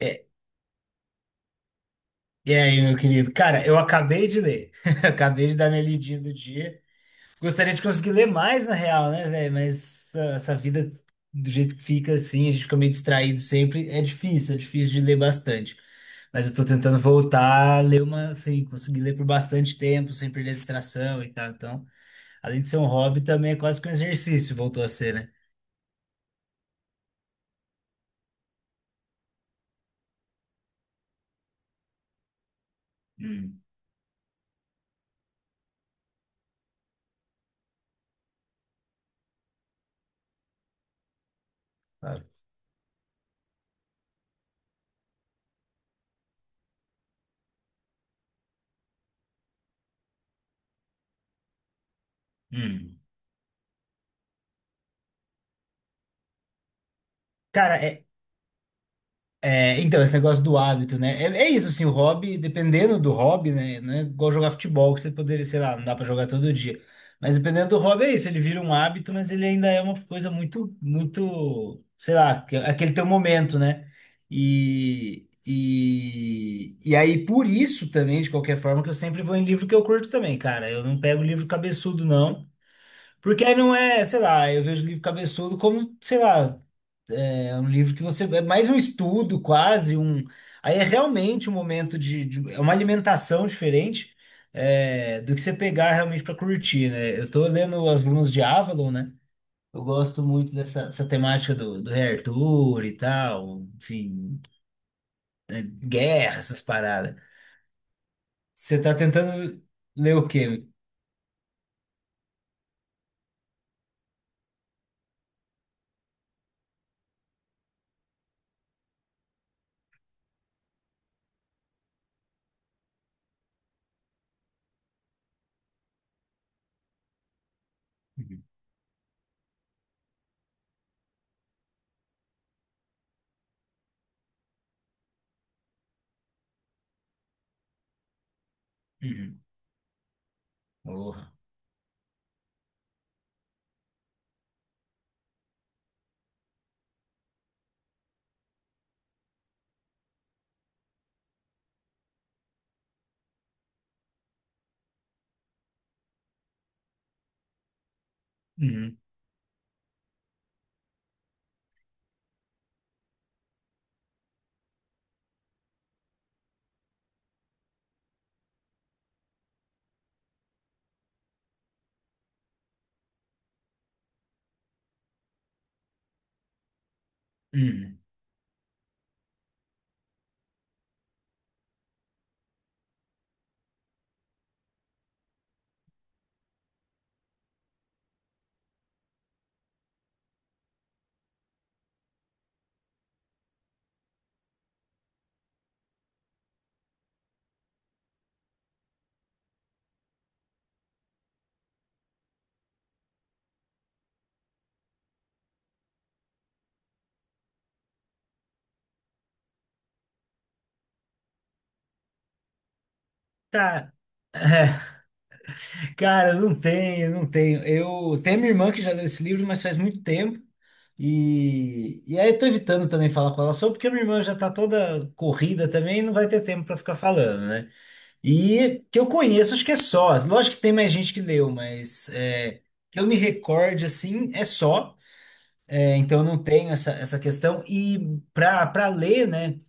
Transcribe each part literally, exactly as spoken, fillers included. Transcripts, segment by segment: É, e aí, meu querido? Cara, eu acabei de ler. Acabei de dar minha lidinha do dia. Gostaria de conseguir ler mais, na real, né, velho? Mas essa, essa vida, do jeito que fica assim, a gente fica meio distraído sempre. É difícil, é difícil de ler bastante. Mas eu tô tentando voltar a ler uma, assim, conseguir ler por bastante tempo, sem perder a distração e tal. Então, além de ser um hobby, também é quase que um exercício, voltou a ser, né? Claro. Hum. Cara, é, É, então, esse negócio do hábito, né? É, é isso, assim, o hobby, dependendo do hobby, né? Não é igual jogar futebol, que você poderia, sei lá, não dá pra jogar todo dia. Mas dependendo do hobby, é isso, ele vira um hábito, mas ele ainda é uma coisa muito, muito, sei lá, que- é aquele teu momento, né? E, e, e aí, por isso também, de qualquer forma, que eu sempre vou em livro que eu curto também, cara. Eu não pego livro cabeçudo, não. Porque aí não é, sei lá, eu vejo livro cabeçudo como, sei lá. É um livro que você. É mais um estudo, quase um. Aí é realmente um momento de. de- é uma alimentação diferente é, do que você pegar realmente para curtir, né? Eu tô lendo As Brumas de Avalon, né? Eu gosto muito dessa, dessa temática do, do Rei Arthur e tal, enfim, né? Guerra, essas paradas. Você tá tentando ler o quê? Uhum. Uhum. Porra. Uhum. Uhum. Tá. Cara, não tenho, não tenho. Eu tenho minha irmã que já leu esse livro, mas faz muito tempo. E, e aí eu tô evitando também falar com ela sobre, porque minha irmã já tá toda corrida também e não vai ter tempo pra ficar falando, né? E que eu conheço, acho que é só. Lógico que tem mais gente que leu, mas é, que eu me recorde assim, é só. É, então eu não tenho essa, essa questão. E pra, pra ler, né?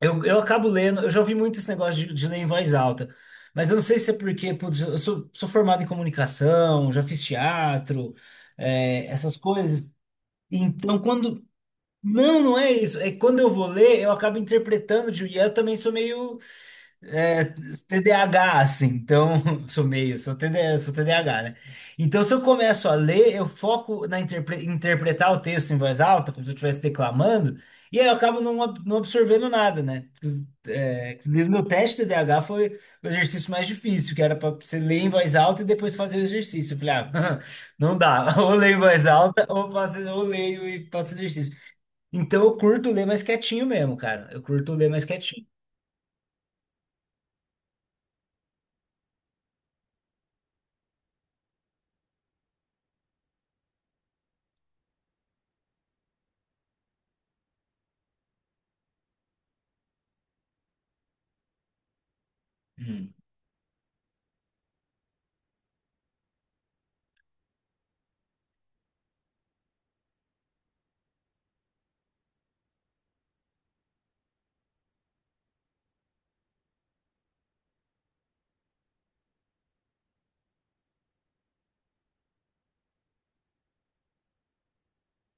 Eu, eu acabo lendo, eu já ouvi muito esse negócio de, de ler em voz alta, mas eu não sei se é porque, putz, eu sou, sou formado em comunicação, já fiz teatro, é, essas coisas. Então, quando. Não, não é isso. É que quando eu vou ler, eu acabo interpretando, de- e eu também sou meio. É, T D A H, assim, então sou meio, sou TD, sou T D A H, né? Então, se eu começo a ler, eu foco na interpre- interpretar o texto em voz alta, como se eu estivesse declamando, e aí eu acabo não, ab- não absorvendo nada, né? É, inclusive, meu teste T D A H foi o exercício mais difícil, que era para você ler em voz alta e depois fazer o exercício. Eu falei, ah, não dá, ou leio em voz alta, ou faço, ou leio e faço exercício. Então, eu curto ler mais quietinho mesmo, cara, eu curto ler mais quietinho.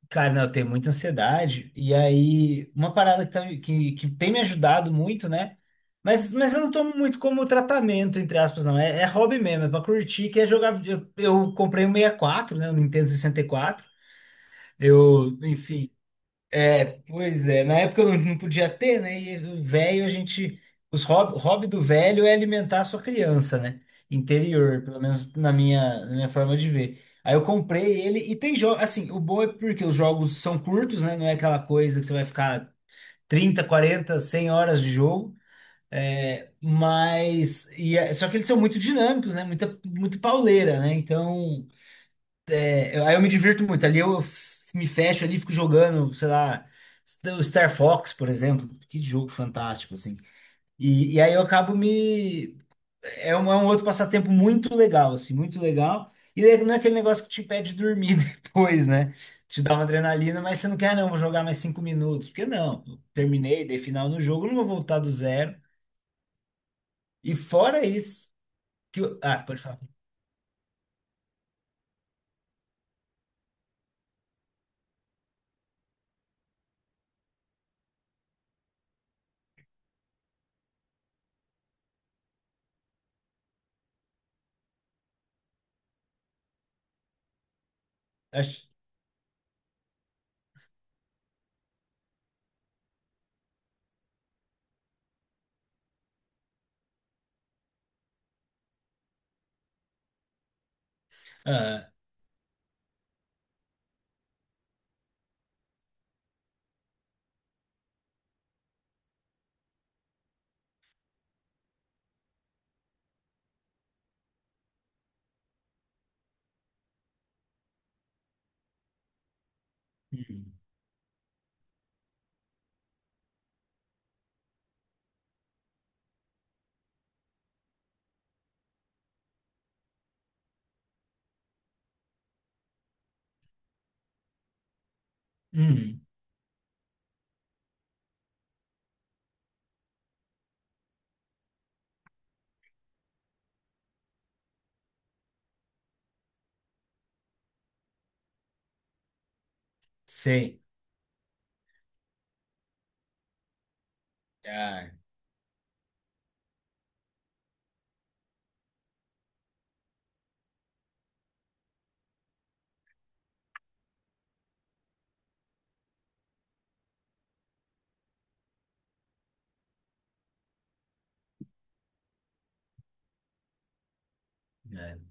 Cara, não, eu tenho muita ansiedade. E aí, uma parada que, tá- que, que tem me ajudado muito, né? Mas, mas eu não tomo muito como tratamento, entre aspas, não. É, é hobby mesmo, é pra curtir, que é jogar. vide- Eu, eu comprei o sessenta e quatro, né? O Nintendo sessenta e quatro. Eu, enfim. É, pois é. Na época eu não, não podia ter, né? E o velho, a gente. Os hobby, hobby do velho é alimentar a sua criança, né? Interior, pelo menos na minha, na minha forma de ver. Aí eu comprei ele e tem jogo. Assim, o bom é porque os jogos são curtos, né? Não é aquela coisa que você vai ficar trinta, quarenta, cem horas de jogo. É, mas. E é- só que eles são muito dinâmicos, né? Muita, muito pauleira, né? Então. Eu- Aí eu me divirto muito. Ali eu f- me fecho ali, fico jogando, sei lá, o Star Fox, por exemplo. Que jogo fantástico, assim. E, e aí eu acabo me. É um, é um outro passatempo muito legal, assim, muito legal. E daí não é aquele negócio que te impede de dormir depois, né? Te dá uma adrenalina, mas você não quer, "Ah, não, vou jogar mais cinco minutos. Porque não, eu terminei, dei final no jogo, não vou voltar do zero." E fora isso, que eu. Ah, pode falar. Acho. Ah, hum, hum, sei. Ah. É.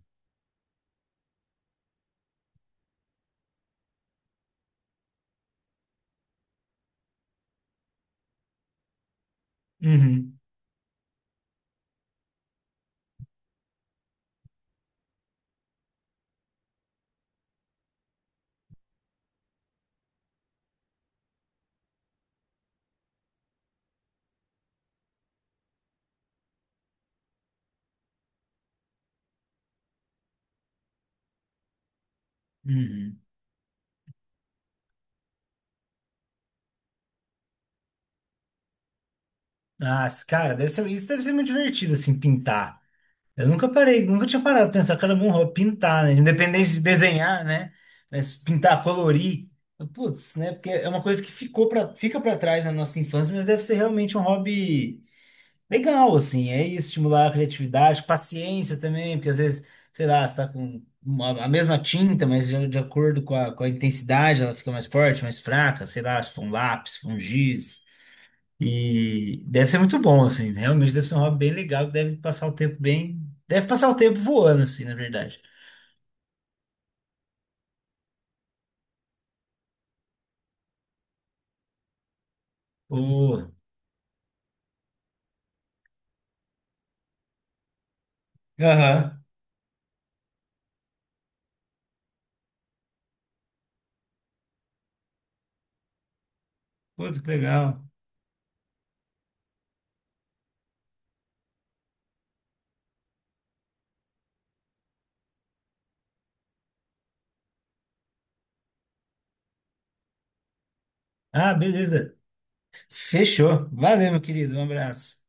Uhum, uhum. Ah, cara, deve ser, isso deve ser muito divertido, assim, pintar. Eu nunca parei, nunca tinha parado pra pensar, cara, é bom, vou pintar, né? Independente de desenhar, né? Mas pintar, colorir, putz, né? Porque é uma coisa que ficou pra, fica pra trás na nossa infância, mas deve ser realmente um hobby legal, assim. É isso, estimular a criatividade, paciência também, porque às vezes, sei lá, você tá com uma- a mesma tinta, mas de, de acordo com a, com a intensidade, ela fica mais forte, mais fraca, sei lá, se for um lápis, se for um giz. E deve ser muito bom, assim. Realmente deve ser um hobby bem legal, que deve passar o tempo bem. Deve passar o tempo voando, assim, na verdade. Ô. Aham. Pô, que legal. Ah, beleza. Fechou. Valeu, meu querido. Um abraço.